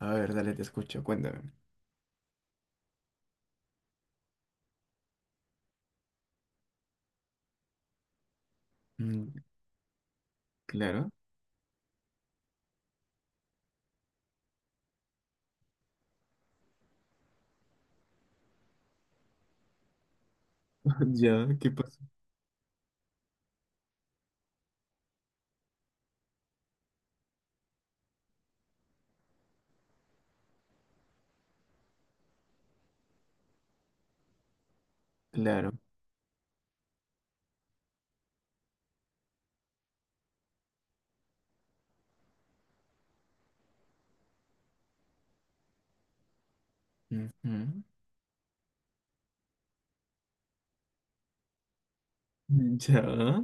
A ver, dale, te escucho, cuéntame. Mm, claro. Ya, ¿qué pasó? Claro. Ujú. Ya.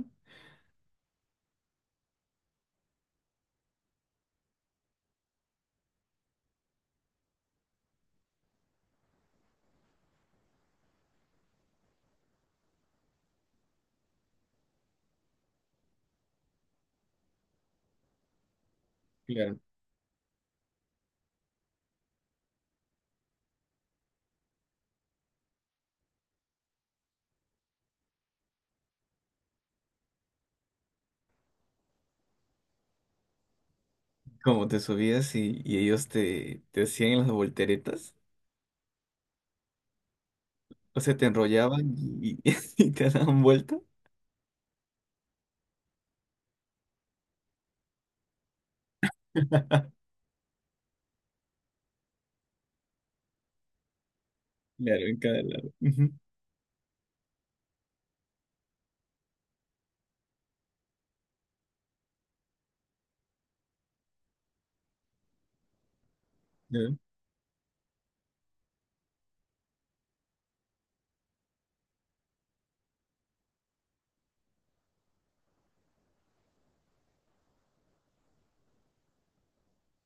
Claro. ¿Como te subías y, ellos te, hacían las volteretas? O sea, te enrollaban y, y te daban vuelta. Claro, en cada lado. Ujú, claro.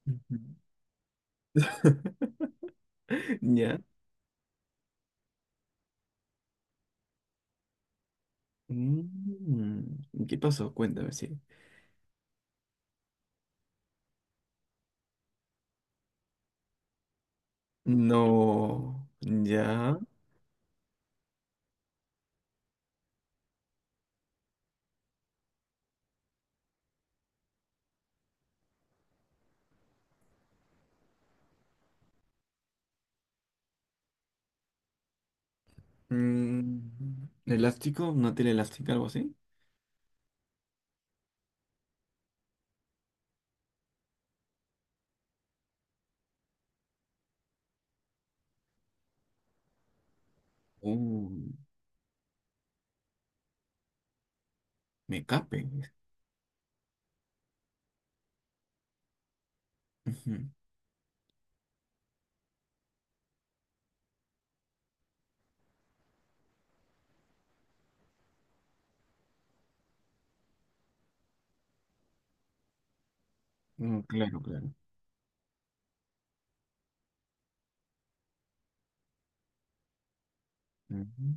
Ujú. Ya. Mm, ¿qué pasó? Cuéntame, sí. No. Ya. Mm, ¿elástico? ¿Una tela elástica? ¿Algo así? Uh. Me cape. Ujú. Mm, claro, claro. Ujú.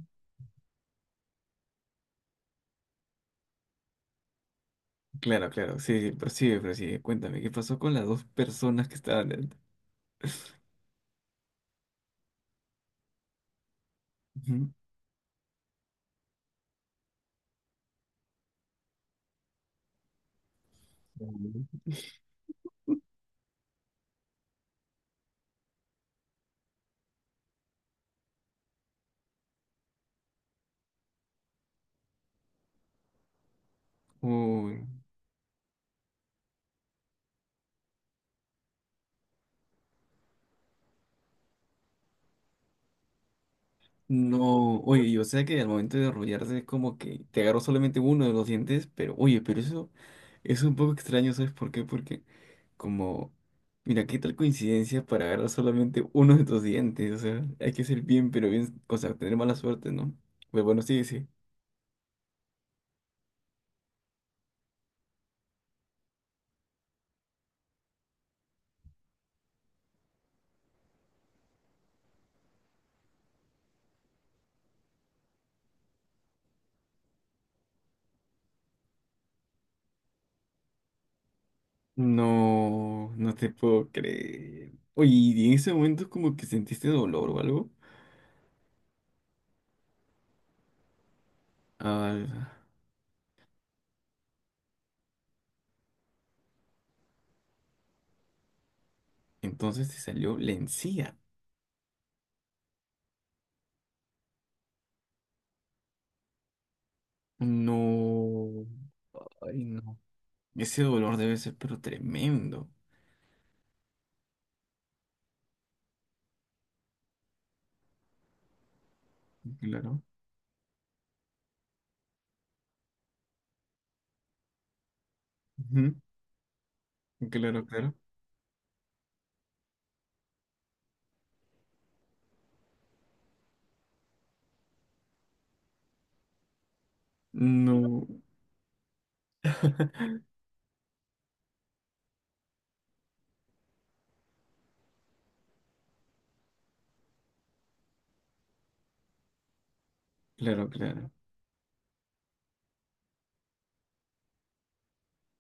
Claro, claro. Sí, sí, prosigue, prosigue. Cuéntame, ¿qué pasó con las dos personas que estaban dentro? Ujú. Uy, no, oye, yo sé que al momento de arrollarse es como que te agarró solamente uno de los dientes, pero oye, pero eso es un poco extraño, ¿sabes por qué? Porque como, mira, qué tal coincidencia para agarrar solamente uno de tus dientes, o sea, hay que ser bien, pero bien, o sea, tener mala suerte, ¿no? Pero bueno, sí, sí. No, no te puedo creer. Oye, ¿y en ese momento como que sentiste dolor o algo? Ah, entonces te salió la encía. No, ay no. Ese dolor debe ser pero tremendo. Claro. Ujú, claro, claro. No, claro, claro.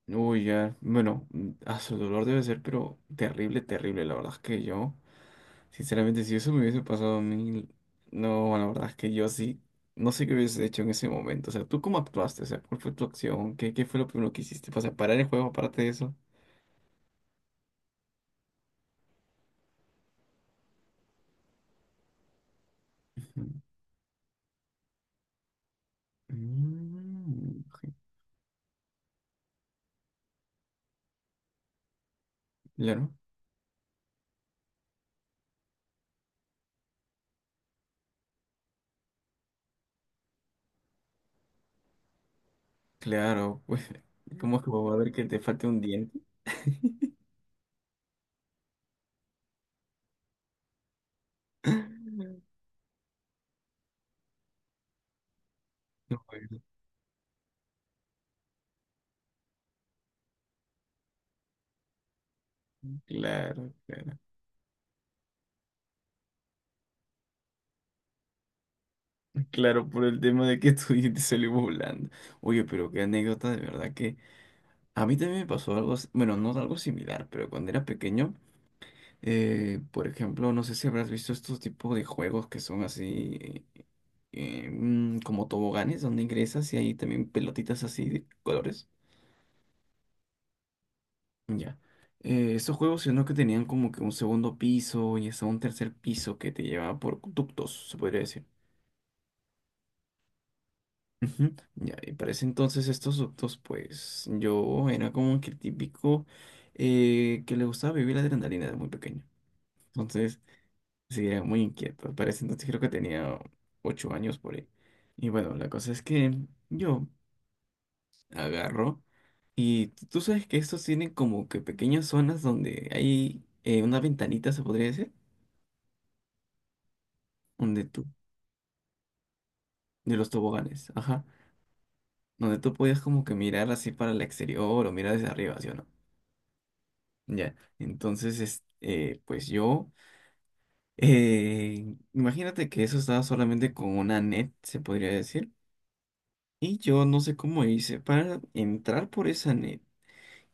Uy, ya. Bueno, a su dolor debe ser pero terrible, terrible. La verdad es que yo. Sinceramente, si eso me hubiese pasado a mí, no, bueno, la verdad es que yo sí, no sé qué hubiese hecho en ese momento. O sea, ¿tú cómo actuaste? O sea, ¿cuál fue tu acción? ¿Qué, fue lo primero que hiciste? O sea, parar el juego aparte de eso. Mm, mm, claro, claro, pues, ¿cómo es que va a ver que te falte un diente? No, pues, claro, claro, claro, por el tema de que tu diente salió volando. Oye, pero qué anécdota, de verdad que a mí también me pasó algo, bueno, no algo similar, pero cuando era pequeño. Por ejemplo, no sé si habrás visto estos tipos de juegos que son así como toboganes donde ingresas y hay también pelotitas así de colores. Ya. Estos juegos, sino que tenían como que un segundo piso y hasta un tercer piso que te llevaba por ductos, se podría decir. Ujú. Ya, y para ese entonces estos ductos, pues yo era como que el típico que le gustaba vivir la adrenalina de muy pequeño. Entonces, sí, era muy inquieto. Para ese entonces creo que tenía 8 años por ahí. Y bueno, la cosa es que yo agarro y tú sabes que estos tienen como que pequeñas zonas donde hay una ventanita, se podría decir, donde tú, de los toboganes, ajá, donde tú podías como que mirar así para el exterior o mirar desde arriba, ¿sí o no? Ya, entonces, es, pues yo, imagínate que eso estaba solamente con una net, se podría decir. Y yo no sé cómo hice para entrar por esa net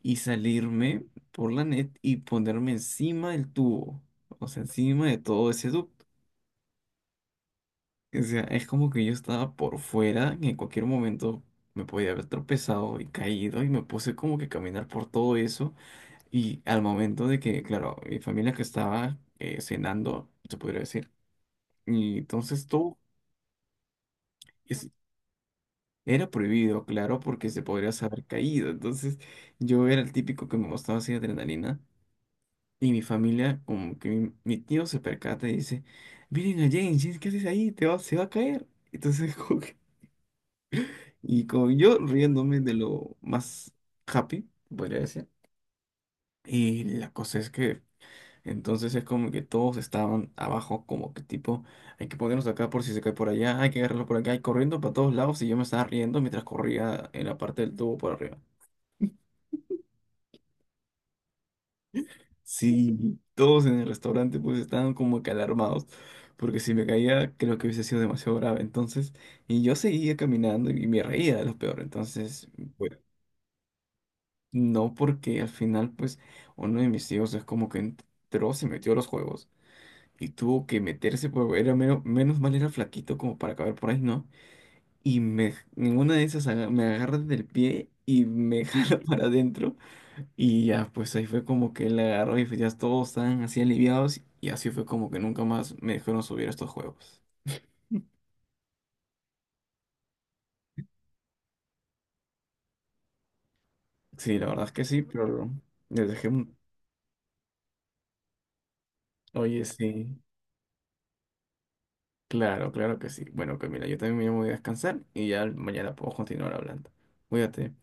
y salirme por la net y ponerme encima del tubo, o sea, encima de todo ese ducto. O sea, es como que yo estaba por fuera y en cualquier momento me podía haber tropezado y caído y me puse como que a caminar por todo eso. Y al momento de que, claro, mi familia que estaba cenando, se podría decir, y entonces todo... Era prohibido, claro, porque se podría haber caído. Entonces, yo era el típico que me gustaba así adrenalina. Y mi familia, como que mi, tío se percata y dice, miren a James, James, ¿qué haces ahí? Te va, se va a caer. Entonces, como que... y como yo riéndome de lo más happy, podría decir. Y la cosa es que entonces es como que todos estaban abajo, como que tipo, hay que ponernos acá por si se cae por allá, hay que agarrarlo por acá, y corriendo para todos lados, y yo me estaba riendo mientras corría en la parte del tubo por arriba. Sí, todos en el restaurante pues estaban como que alarmados, porque si me caía creo que hubiese sido demasiado grave. Entonces, y yo seguía caminando y me reía de lo peor. Entonces, bueno, no porque al final pues uno de mis tíos es como que entró, se metió a los juegos y tuvo que meterse, porque era menos, menos mal era flaquito como para caber por ahí, ¿no? Y me, en una de esas me agarra del pie y me jala para adentro. Y ya, pues ahí fue como que él la agarró y pues ya todos estaban así aliviados y así fue como que nunca más me dejaron subir a estos juegos. Sí, la verdad es que sí, pero les dejé un... Oye, sí, claro, claro que sí. Bueno, Camila, yo también me voy a descansar y ya mañana puedo continuar hablando. Cuídate.